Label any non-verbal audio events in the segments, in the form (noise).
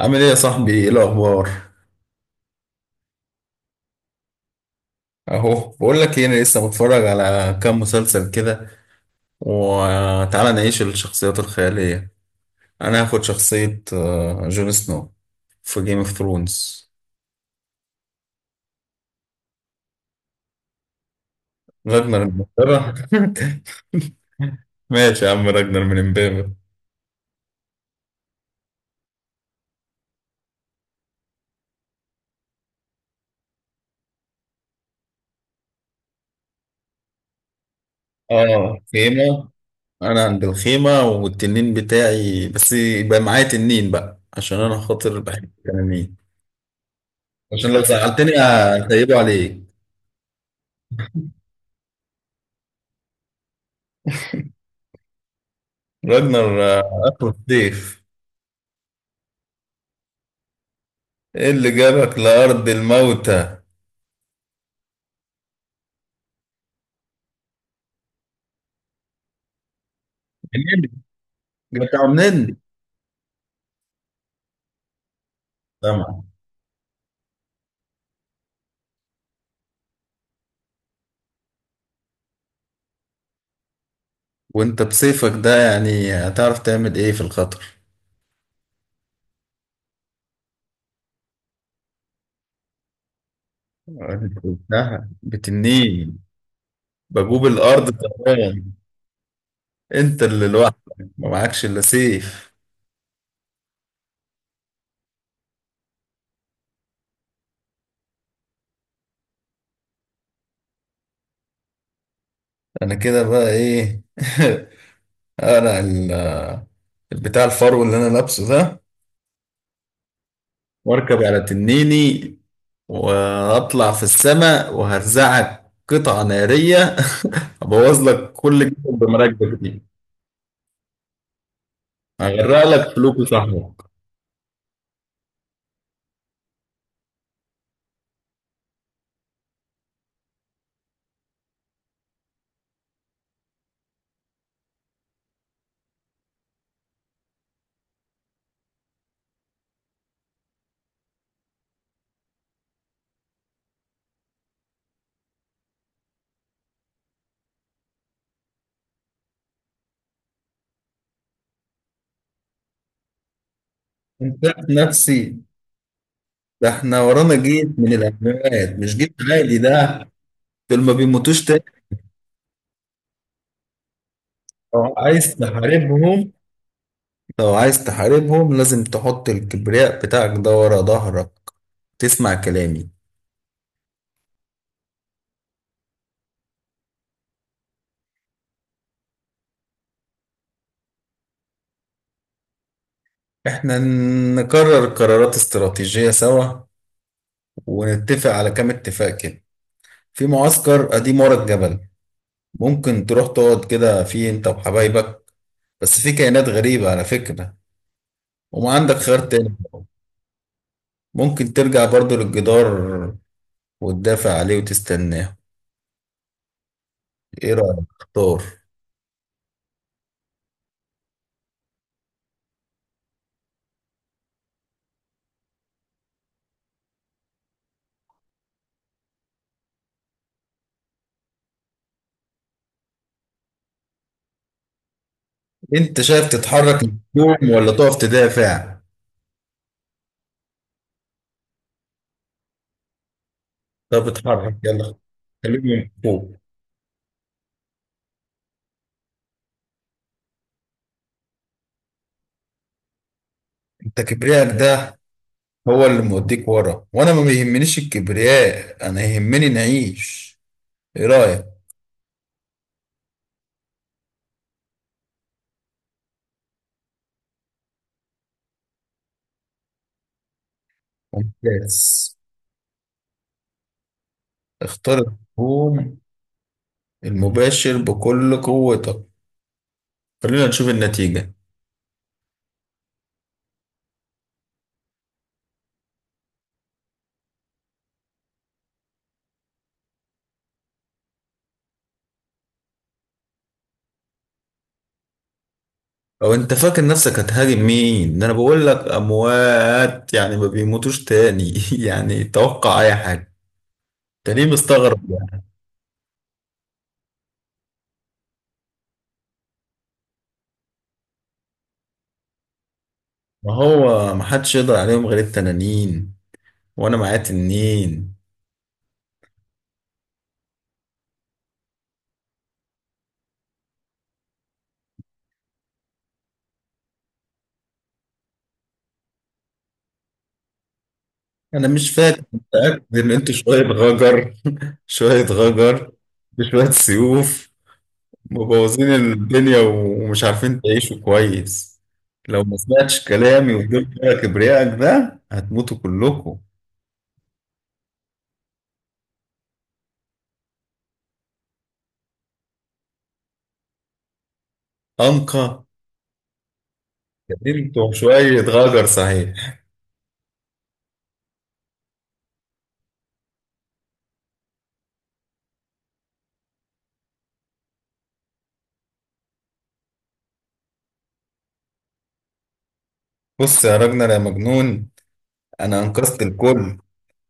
عامل ايه يا صاحبي؟ ايه الاخبار؟ اهو بقول لك ايه، انا لسه متفرج على كام مسلسل كده. وتعالى نعيش الشخصيات الخياليه. انا هاخد شخصيه جون سنو في جيم اوف ثرونز. راجنر من امبابة. (laughs) ماشي يا عم، راجنر من امبابة. اه، خيمه. انا عند الخيمه والتنين بتاعي، بس يبقى معايا تنين بقى عشان انا خاطر بحب التنانين. عشان لو زعلتني هسيبه عليك. راجنر اخو السيف. ايه اللي جابك لأرض الموتى؟ منين؟ جبتها منين؟ طبعا. وانت بسيفك ده يعني هتعرف تعمل ايه في الخطر؟ انت قلتها بتنين، بجوب الأرض. تمام. انت اللي لوحدك ما معكش الا سيف. انا كده بقى ايه؟ (laughs) انا ال- البتاع الفرو اللي انا لابسه ده، واركب على تنيني واطلع في السماء وهرزعك قطعة نارية. (laughs) ابوظ لك كل جسم بمراكبك دي. هغرق لك فلوك وصحبك. انت نفسي؟ ده احنا ورانا جيش من الاموات، مش جيش عادي ده. دول ما بيموتوش تاني. لو عايز تحاربهم لو عايز تحاربهم لازم تحط الكبرياء بتاعك ده ورا ظهرك. تسمع كلامي. احنا نقرر قرارات استراتيجية سوا، ونتفق على كام اتفاق كده. في معسكر قديم ورا الجبل، ممكن تروح تقعد كده فيه انت وحبايبك. بس في كائنات غريبة على فكرة، وما عندك خيار تاني. ممكن ترجع برضو للجدار وتدافع عليه وتستناه. ايه رأيك؟ اختار. انت شايف تتحرك الهجوم ولا تقف تدافع؟ طب اتحرك، يلا. خليهم فوق. انت كبريائك ده هو اللي موديك ورا، وانا ما بيهمنيش الكبرياء، انا يهمني نعيش. ايه رأيك؟ ممتاز. اختار الهجوم المباشر بكل قوتك. خلينا نشوف النتيجة. لو انت فاكر نفسك هتهاجم مين ده؟ انا بقول لك اموات، يعني ما بيموتوش تاني، (laughs) يعني توقع اي حاجة. انت ليه مستغرب يعني؟ ما هو ما حدش يقدر عليهم غير التنانين، وانا معايا تنين. انا مش فاكر، متأكد ان انتوا شوية غجر. (laughs) شوية غجر بشوية سيوف مبوظين الدنيا ومش عارفين تعيشوا كويس. لو ما سمعتش كلامي وفضلت بقى كبريائك ده هتموتوا كلكم. أنقى. كبرتوا شوية غجر صحيح. بص يا راجل يا مجنون، أنا أنقذت الكل،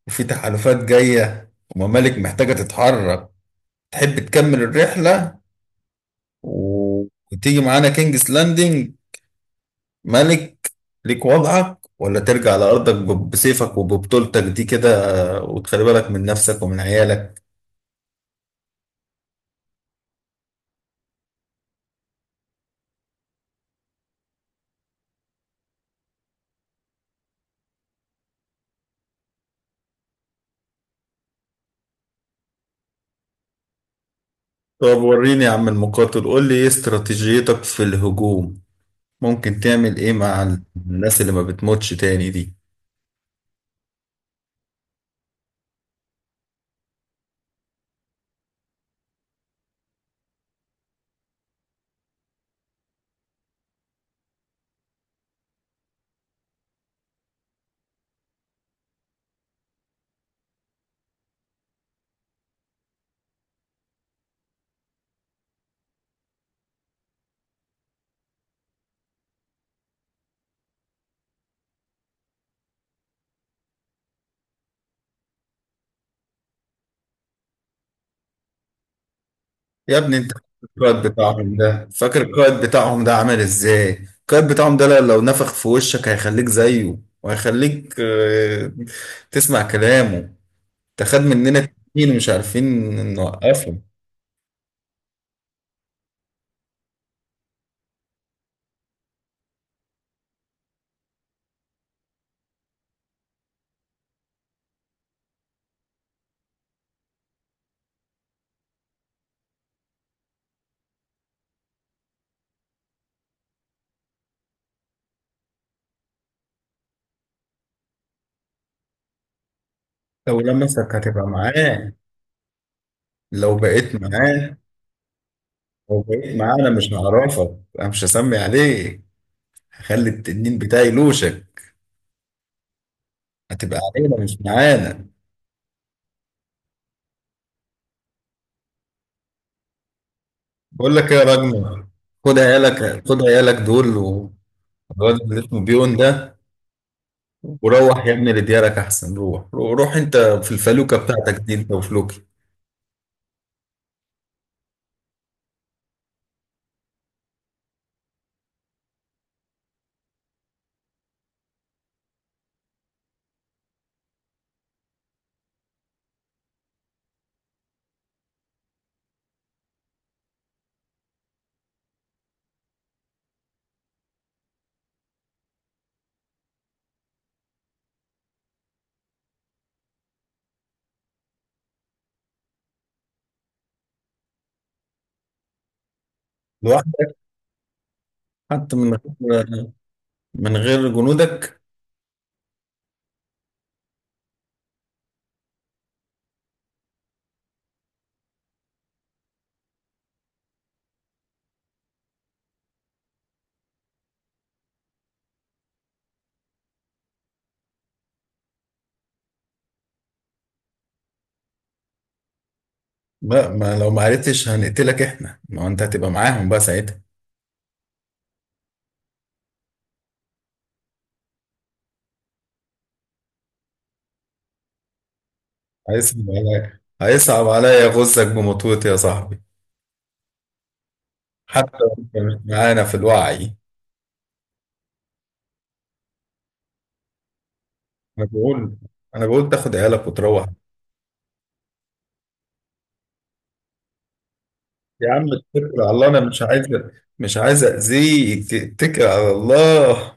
وفي تحالفات جاية وممالك محتاجة تتحرك. تحب تكمل الرحلة و- وتيجي معانا كينجز لاندنج، ملك ليك وضعك؟ ولا ترجع لأرضك بسيفك وببطولتك دي كده، وتخلي بالك من نفسك ومن عيالك. طب وريني يا عم المقاتل، قول لي ايه استراتيجيتك في الهجوم؟ ممكن تعمل ايه مع الناس اللي ما بتموتش تاني دي؟ يا ابني انت فاكر القائد بتاعهم ده؟ فاكر القائد بتاعهم ده عمل ازاي؟ القائد بتاعهم ده لو نفخ في وشك هيخليك زيه، وهيخليك تسمع كلامه. ده خد مننا كتير مش عارفين نوقفه. لو لمسك هتبقى معاه. لو بقيت معاه لو بقيت معاه انا مش هعرفك، انا مش هسمي عليك. هخلي التنين بتاعي يلوشك. هتبقى علينا مش معانا. بقول لك ايه يا راجل، خد عيالك دول والواد اللي اسمه بيون ده، وروح يا ابني لديارك احسن. روح روح انت في الفلوكه بتاعتك دي انت وفلوكي. لوحدك؟ حتى من غير جنودك. لا ما لو ما عرفتش هنقتلك احنا، ما هو انت هتبقى معاهم بقى ساعتها. هيصعب عليا غزك بمطوتي يا صاحبي، حتى لو أنت مش معانا في الوعي. انا بقول انا بقول تاخد عيالك وتروح. يا عم اتكل على الله، انا مش عايز اذيك، اتكل على الله.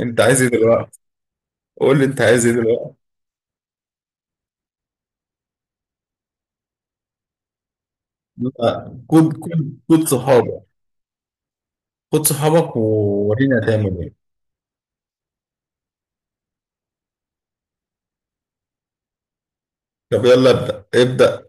انت عايز ايه دلوقتي؟ قول لي انت عايز ايه دلوقتي. لا، خد صحابك وورينا هتعمل ايه. طب يلا ابدا ابدا.